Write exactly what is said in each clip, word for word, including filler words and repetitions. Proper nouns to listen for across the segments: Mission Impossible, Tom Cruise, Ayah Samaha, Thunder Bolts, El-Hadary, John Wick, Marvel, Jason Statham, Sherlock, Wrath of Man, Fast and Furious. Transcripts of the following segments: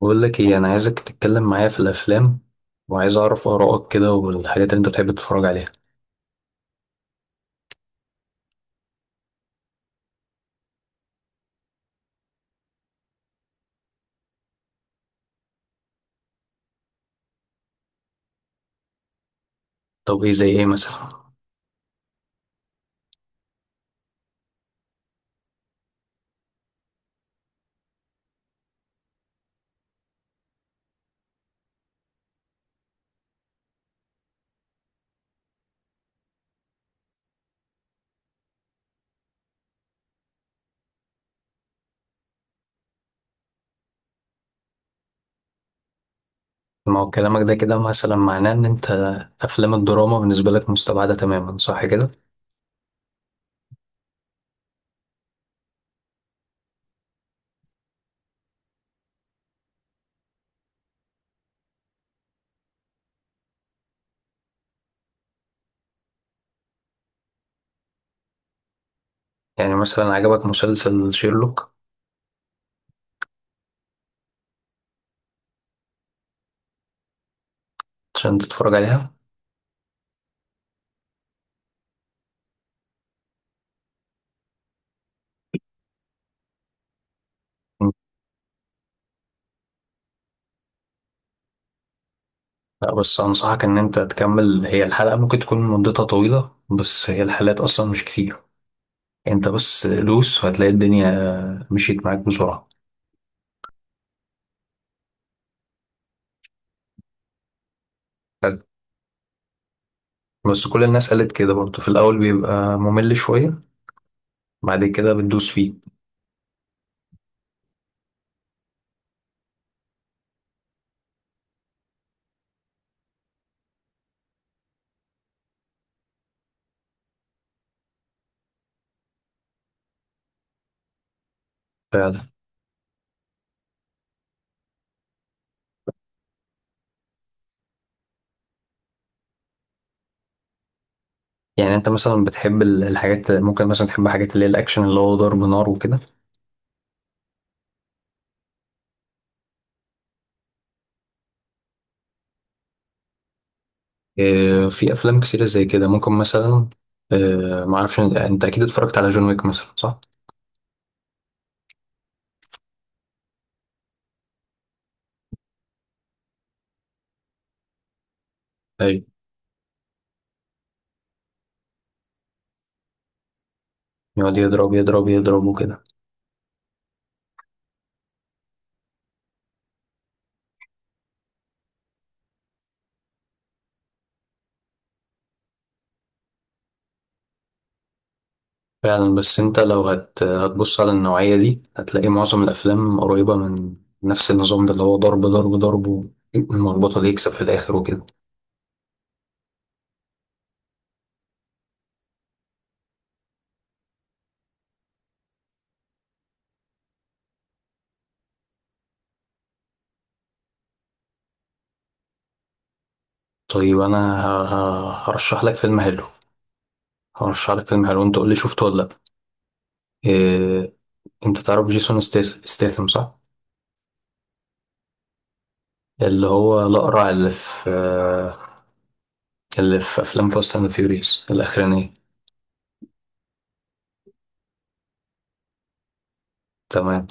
بقول لك ايه، انا عايزك تتكلم معايا في الافلام وعايز اعرف ارائك كده والحاجات اللي انت بتحب تتفرج عليها. طب ايه زي ايه مثلا؟ ما هو كلامك ده كده مثلا معناه ان انت افلام الدراما بالنسبه لك مستبعده تماما، صح كده؟ يعني مثلا عجبك مسلسل شيرلوك؟ عشان تتفرج عليها. م. لا، بس انصحك ان انت تكمل، هي الحلقه ممكن تكون مدتها طويله بس هي الحلقات اصلا مش كتير. انت بس دوس وهتلاقي الدنيا مشيت معاك بسرعه. حلو. بس كل الناس قالت كده برضه، في الاول بيبقى ممل شويه بعد كده بتدوس فيه. فعلا. يعني انت مثلا بتحب ال- الحاجات، ممكن مثلا تحب حاجات اللي هي الاكشن اللي هو ضرب نار وكده. اه، في افلام كتيرة زي كده ممكن مثلا. اه، ما اعرفش، انت انت اكيد اتفرجت على جون ويك مثلا، صح؟ ايوه، يقعد يضرب يضرب يضرب وكده. فعلا، بس انت لو هت هتبص على النوعية دي هتلاقي معظم الافلام قريبة من نفس النظام ده اللي هو ضرب ضرب ضرب المربوطة اللي يكسب في الاخر وكده. طيب انا ه- ه- هرشح لك فيلم حلو. هرشح لك فيلم حلو، انت قول لي شفته ولا لا. إيه، انت تعرف جيسون ستيس- ستيثم، صح؟ اللي هو الأقرع اللي في آه، اللي في أفلام فاست أند فيوريوس الأخرانية. تمام.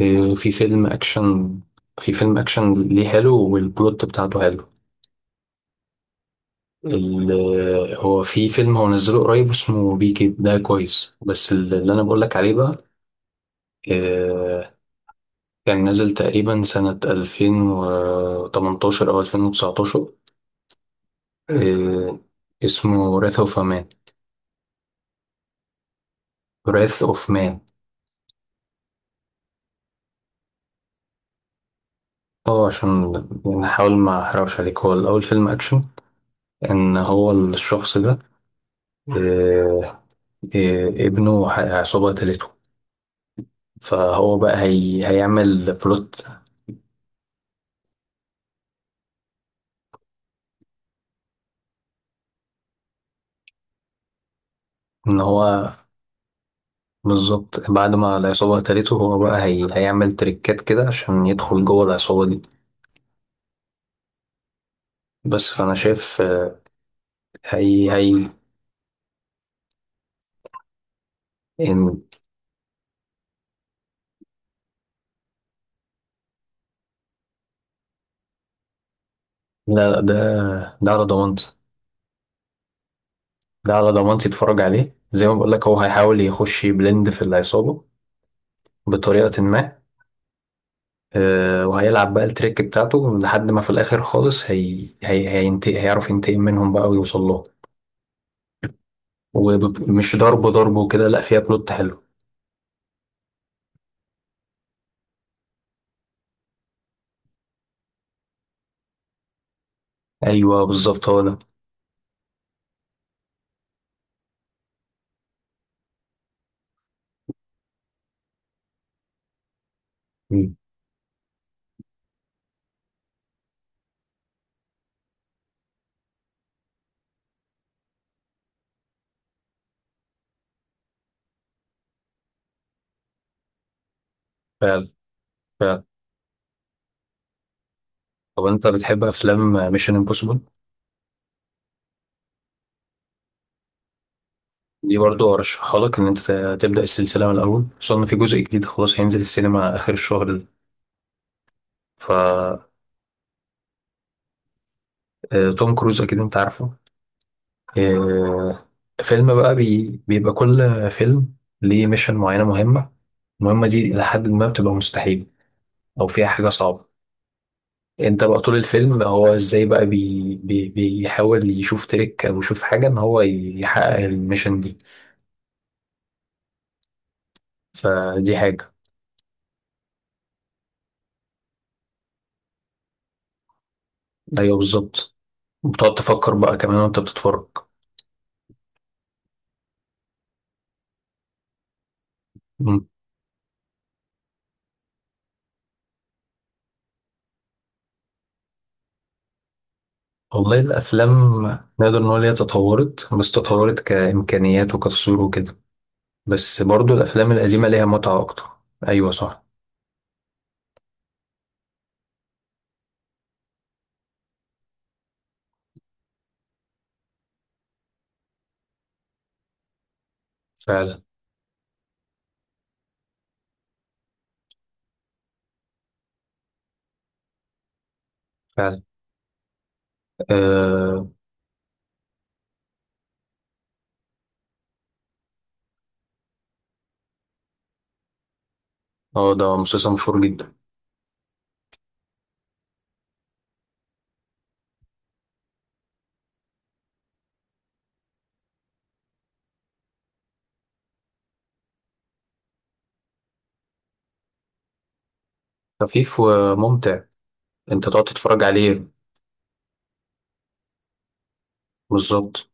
إيه، في فيلم أكشن. في فيلم أكشن ليه، حلو والبلوت بتاعته حلو. ال- آه، هو في فيلم، هو نزله قريب اسمه بيكي، ده كويس بس اللي أنا بقولك عليه بقى، إيه، كان نازل تقريبا سنة الفين وتمنتاشر أو الفين وتسعتاشر. إيه، اسمه وراث أوف مان. وراث أوف مان. اه عشان نحاول ما احرقش عليك، هو الاول فيلم اكشن. ان هو الشخص ده، آه، آه، ابنه ح- عصابة قتلته، فهو بقى هي هيعمل بلوت. ان هو بالظبط، بعد ما العصابة قتلته هو بقى هي هيعمل تريكات كده عشان يدخل جوه العصابة دي. بس فانا شايف، آه، هي هي إن لا لا، ده ده على ضمانتي. ده على ضمانتي، اتفرج عليه. زي ما بقول لك هو هيحاول يخش يبلند في العصابة بطريقة ما. آه، وهيلعب بقى التريك بتاعته لحد ما في الآخر خالص هي... هي... هينتقم، هيعرف ينتقم منهم بقى ويوصل لهم. ومش ضرب ضرب وكده، لا فيها بلوت حلو. أيوه بالظبط، هو ده. مم. فعلا، فعلا. طب أنت بتحب أفلام ميشن امبوسيبل؟ دي برضو أرشحها لك، إن أنت ت- تبدأ السلسلة من الأول، خصوصا إن في جزء جديد خلاص هينزل السينما آخر الشهر ده. ف آه، توم كروز أكيد أنت عارفه. آه، فيلم بقى بي بيبقى كل فيلم ليه ميشن معينة مهمة. المهمة دي إلى حد ما بتبقى مستحيلة أو فيها حاجة صعبة. أنت بقى طول الفيلم هو إزاي بقى بي بي بيحاول يشوف تريك أو يشوف حاجة إن هو يحقق الميشن دي. فدي حاجة. أيوه بالظبط، بتقعد تفكر بقى كمان وأنت بتتفرج. مم. والله الأفلام نقدر نقول هي تطورت، بس تطورت كإمكانيات وكتصوير وكده، بس برضو الأفلام القديمة ليها متعة أكتر. أيوه صح. فعلا، فعلا. اه. آه، ده مسلسل مشهور جدا. خفيف وممتع، انت تقعد تتفرج عليه. بالظبط.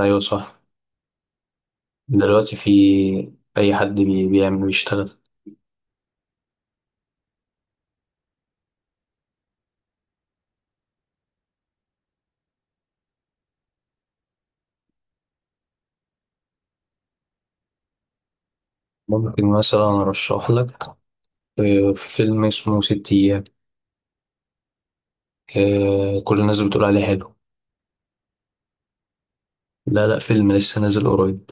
ايوه صح. دلوقتي في اي حد بي- بيعمل، بيشتغل. ممكن مثلا ارشح لك، آه، في فيلم اسمه ست ايام، آه، كل الناس بتقول عليه حلو. لا لا، فيلم لسه نازل قريب.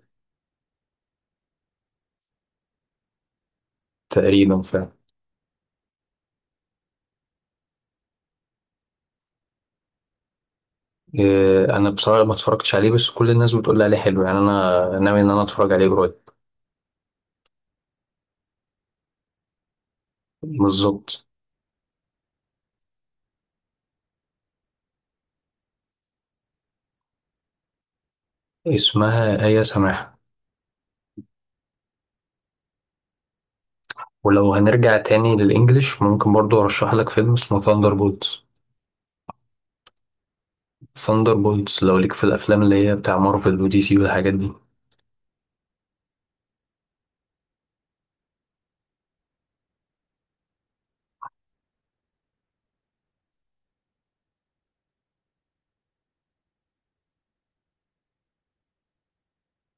تقريبا، فعلا. آه، انا بصراحة ما اتفرجتش عليه بس كل الناس بتقول عليه حلو، يعني انا ناوي ان انا اتفرج عليه قريب. بالظبط. اسمها آية سماحة. ولو هنرجع تاني للإنجليش، ممكن برضو أرشح لك فيلم اسمه ثاندر بولتس. ثاندر بولتس، لو ليك في الأفلام اللي هي بتاع مارفل ودي سي والحاجات دي.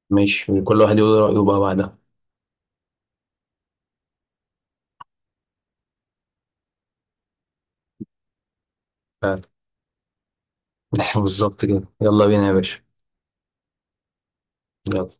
ماشي، وكل واحد يقول رأيه بقى بعدها. فعلا. بالظبط كده، يلا بينا يا باشا. يلا.